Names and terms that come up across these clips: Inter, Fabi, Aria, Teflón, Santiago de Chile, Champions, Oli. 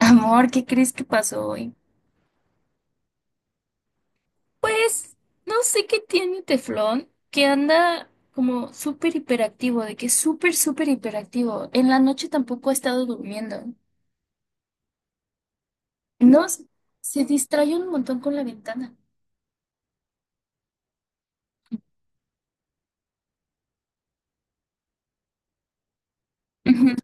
Amor, ¿qué crees que pasó hoy? Pues no sé qué tiene Teflón, que anda como súper hiperactivo, de que es súper, súper hiperactivo. En la noche tampoco ha estado durmiendo. No, se distrae un montón con la ventana. Ujú.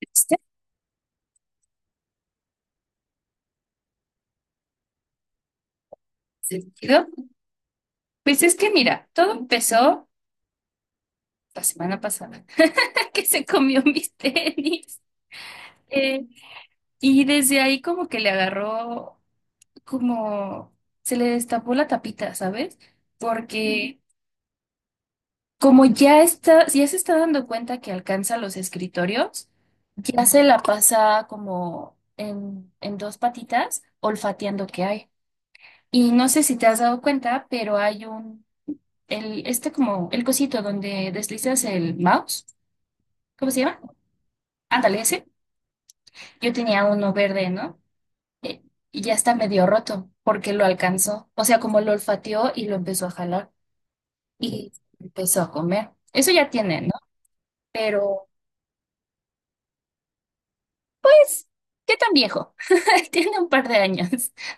¿Este sentido? Pues es que mira, todo empezó la semana pasada, que se comió mis tenis. Eh, y desde ahí como que le agarró, como se le destapó la tapita, ¿sabes? Porque como ya está, ya se está dando cuenta que alcanza los escritorios, ya se la pasa como en dos patitas, olfateando qué hay. Y no sé si te has dado cuenta, pero hay un, el, este como, el cosito donde deslizas el mouse, ¿cómo se llama? Ándale, ese. Yo tenía uno verde, ¿no? Eh, y ya está medio roto, porque lo alcanzó. O sea, como lo olfateó y lo empezó a jalar y empezó a comer. Eso ya tiene, ¿no? Pero pues, ¿qué tan viejo? Tiene un par de años.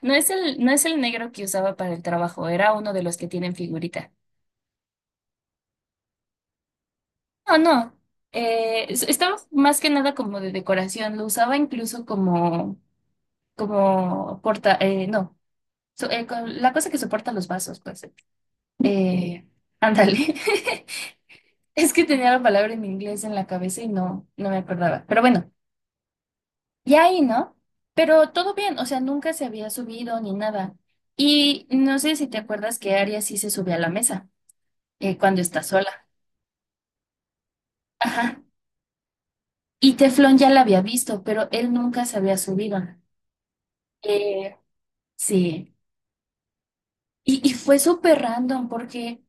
No es el negro que usaba para el trabajo, era uno de los que tienen figurita. No, no. Estaba más que nada como de decoración. Lo usaba incluso como, como porta, no, la cosa que soporta los vasos, pues. Eh, ándale. Es que tenía la palabra en inglés en la cabeza y no, no me acordaba. Pero bueno. Y ahí, ¿no? Pero todo bien, o sea, nunca se había subido ni nada. Y no sé si te acuerdas que Aria sí se subió a la mesa cuando está sola. Ajá. Y Teflón ya la había visto, pero él nunca se había subido. Eh, sí. Y fue súper random porque,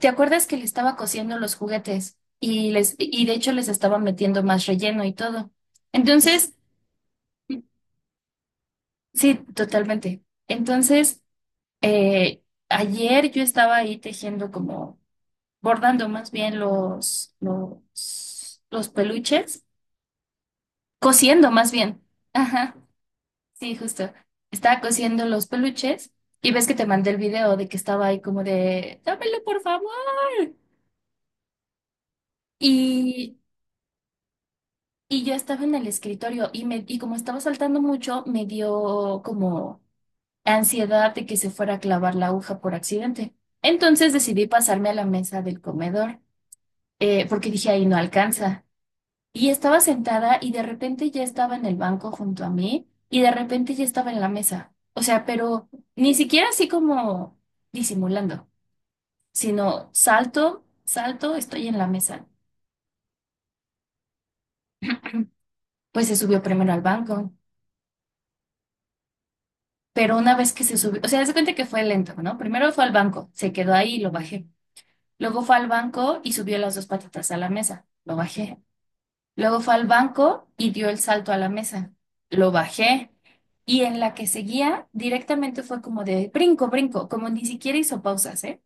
¿te acuerdas que le estaba cociendo los juguetes? Y de hecho les estaba metiendo más relleno y todo. Entonces, sí, totalmente. Entonces, eh, ayer yo estaba ahí tejiendo como bordando más bien los peluches, cosiendo más bien. Ajá, sí, justo. Estaba cosiendo los peluches y ves que te mandé el video de que estaba ahí como de, dámelo por favor. Y, y yo estaba en el escritorio y como estaba saltando mucho, me dio como ansiedad de que se fuera a clavar la aguja por accidente. Entonces decidí pasarme a la mesa del comedor, porque dije, ahí no alcanza. Y estaba sentada y de repente ya estaba en el banco junto a mí y de repente ya estaba en la mesa. O sea, pero ni siquiera así como disimulando, sino salto, salto, estoy en la mesa. Pues se subió primero al banco, pero una vez que se subió, o sea, haz de cuenta que fue lento, ¿no? Primero fue al banco, se quedó ahí y lo bajé. Luego fue al banco y subió las dos patitas a la mesa, lo bajé. Luego fue al banco y dio el salto a la mesa. Lo bajé y en la que seguía directamente fue como de brinco, brinco, como ni siquiera hizo pausas, ¿eh?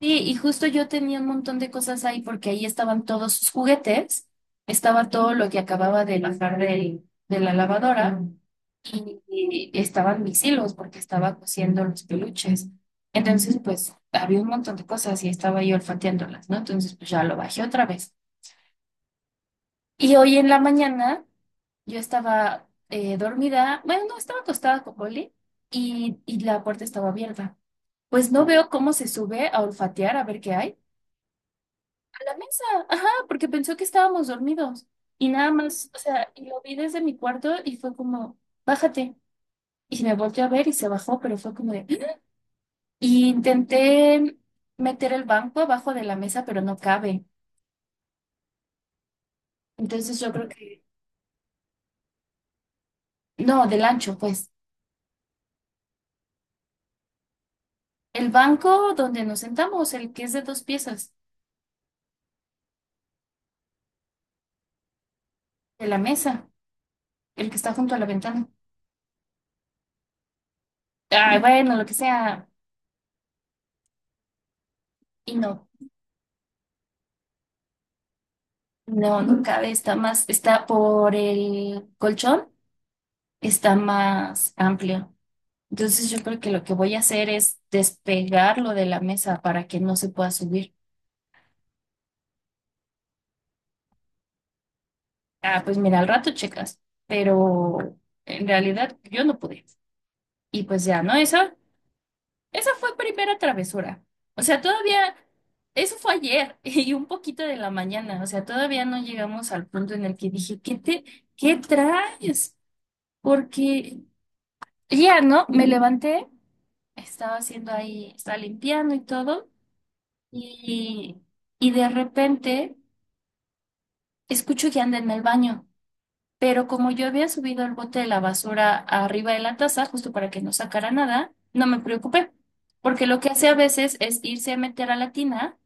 Sí, y justo yo tenía un montón de cosas ahí porque ahí estaban todos sus juguetes, estaba todo lo que acababa de bajar de la lavadora y estaban mis hilos porque estaba cosiendo los peluches. Entonces, pues había un montón de cosas y estaba yo olfateándolas, ¿no? Entonces, pues ya lo bajé otra vez. Y hoy en la mañana yo estaba dormida, bueno, no, estaba acostada con Oli y la puerta estaba abierta. Pues no veo cómo se sube a olfatear a ver qué hay. A la mesa, ajá, porque pensó que estábamos dormidos. Y nada más, o sea, y lo vi desde mi cuarto y fue como, bájate. Y me volteó a ver y se bajó, pero fue como de... "Ah". Y intenté meter el banco abajo de la mesa, pero no cabe. Entonces yo creo que... No, del ancho, pues. El banco donde nos sentamos, el que es de dos piezas, de la mesa, el que está junto a la ventana. Ah, bueno, lo que sea. Y no, no, no cabe, está más, está por el colchón, está más amplio. Entonces yo creo que lo que voy a hacer es despegarlo de la mesa para que no se pueda subir. Ah, pues mira, al rato checas, pero en realidad yo no pude. Y pues ya, ¿no? Eso. Esa fue primera travesura. O sea, todavía, eso fue ayer y un poquito de la mañana. O sea, todavía no llegamos al punto en el que dije, ¿qué te, qué traes? Porque ya, ¿no? Me levanté, estaba haciendo ahí, estaba limpiando y todo, y, y de repente escucho que anda en el baño. Pero como yo había subido el bote de la basura arriba de la taza, justo para que no sacara nada, no me preocupé. Porque lo que hace a veces es irse a meter a la tina,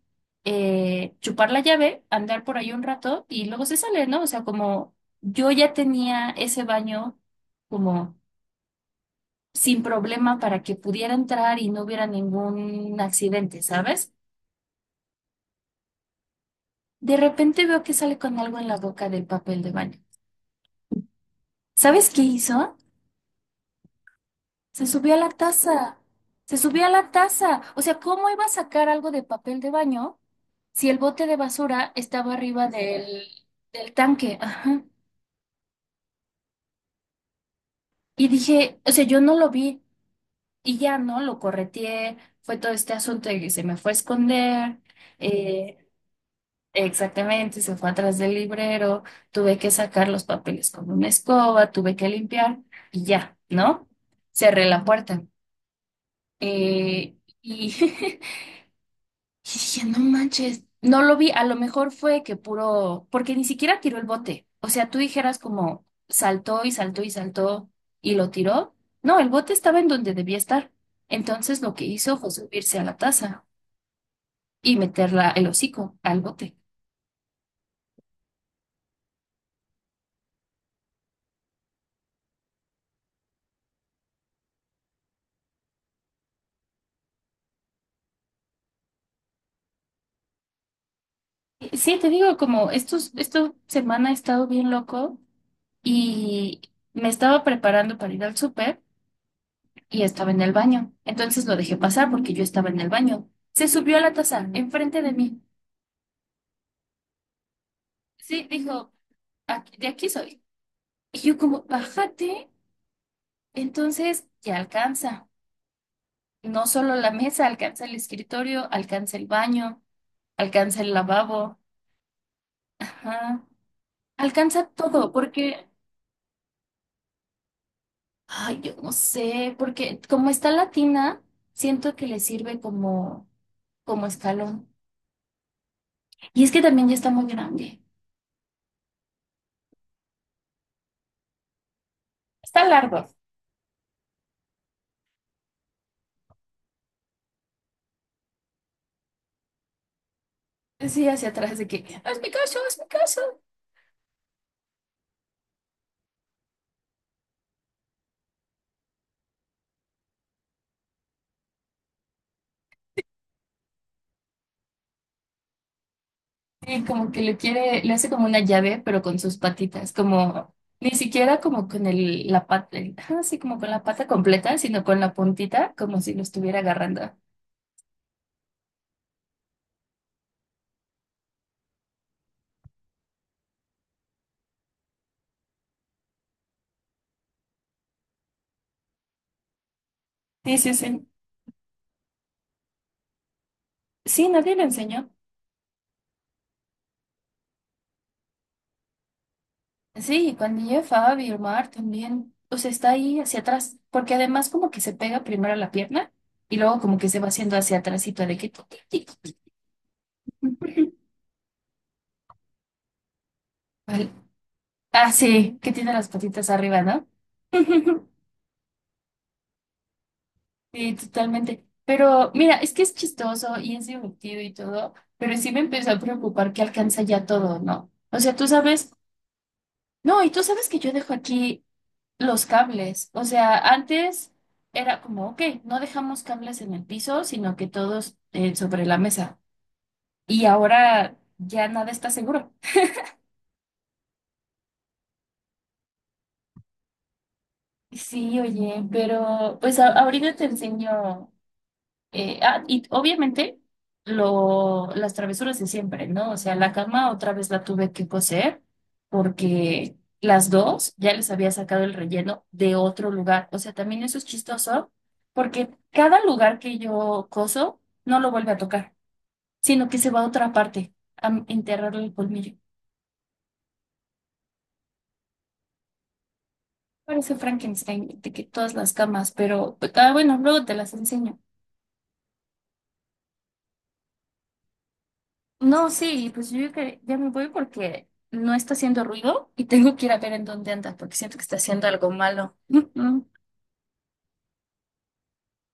chupar la llave, andar por ahí un rato y luego se sale, ¿no? O sea, como yo ya tenía ese baño como sin problema para que pudiera entrar y no hubiera ningún accidente, ¿sabes? De repente veo que sale con algo en la boca del papel de baño. ¿Sabes qué hizo? Se subió a la taza. Se subió a la taza. O sea, ¿cómo iba a sacar algo de papel de baño si el bote de basura estaba arriba del tanque? Ajá. Y dije, o sea, yo no lo vi y ya no lo correteé. Fue todo este asunto de que se me fue a esconder. eh, Exactamente, se fue atrás del librero. Tuve que sacar los papeles con una escoba, tuve que limpiar y ya, ¿no? Cerré la puerta. eh, y y dije, no manches, no lo vi, a lo mejor fue que puro, porque ni siquiera tiró el bote. O sea, tú dijeras como saltó y saltó y saltó y lo tiró. No, el bote estaba en donde debía estar. Entonces lo que hizo fue subirse a la taza y meterla el hocico al bote. Sí, te digo, como estos, esta semana he estado bien loco y me estaba preparando para ir al súper y estaba en el baño. Entonces lo dejé pasar porque yo estaba en el baño. Se subió a la taza enfrente de mí. Sí, dijo, "Aquí- de aquí soy". Y yo como, bájate, entonces ya alcanza. No solo la mesa, alcanza el escritorio, alcanza el baño, alcanza el lavabo, ajá, alcanza todo, porque, ay, yo no sé, porque como está latina, siento que le sirve como, como escalón. Y es que también ya está muy grande. Está largo. Sí, hacia atrás de que, es mi caso, es mi caso. Sí, como que le quiere, le hace como una llave, pero con sus patitas, como ni siquiera como con el, la pata, así como con la pata completa, sino con la puntita, como si lo estuviera agarrando. Sí, sí, sí. Sí, nadie le enseñó. Sí, y cuando llega Fabi, el mar también, o sea, está ahí hacia atrás, porque además como que se pega primero a la pierna y luego como que se va haciendo hacia atrásito de que... tic, tic, tic, tic. Vale. Ah, sí, que tiene las patitas arriba, ¿no? Sí, totalmente. Pero mira, es que es chistoso y es divertido y todo, pero sí me empezó a preocupar que alcanza ya todo, ¿no? O sea, tú sabes, no, y tú sabes que yo dejo aquí los cables. O sea, antes era como, ok, no dejamos cables en el piso, sino que todos sobre la mesa. Y ahora ya nada está seguro. Sí, oye, pero pues ahorita te enseño. Y obviamente las travesuras de siempre, ¿no? O sea, la cama otra vez la tuve que coser porque las dos ya les había sacado el relleno de otro lugar. O sea, también eso es chistoso porque cada lugar que yo coso no lo vuelve a tocar, sino que se va a otra parte a enterrarle el colmillo. Parece Frankenstein de que todas las camas, pero ah, bueno, luego te las enseño. No, sí, pues yo creo que ya me voy porque no está haciendo ruido y tengo que ir a ver en dónde andas porque siento que está haciendo algo malo.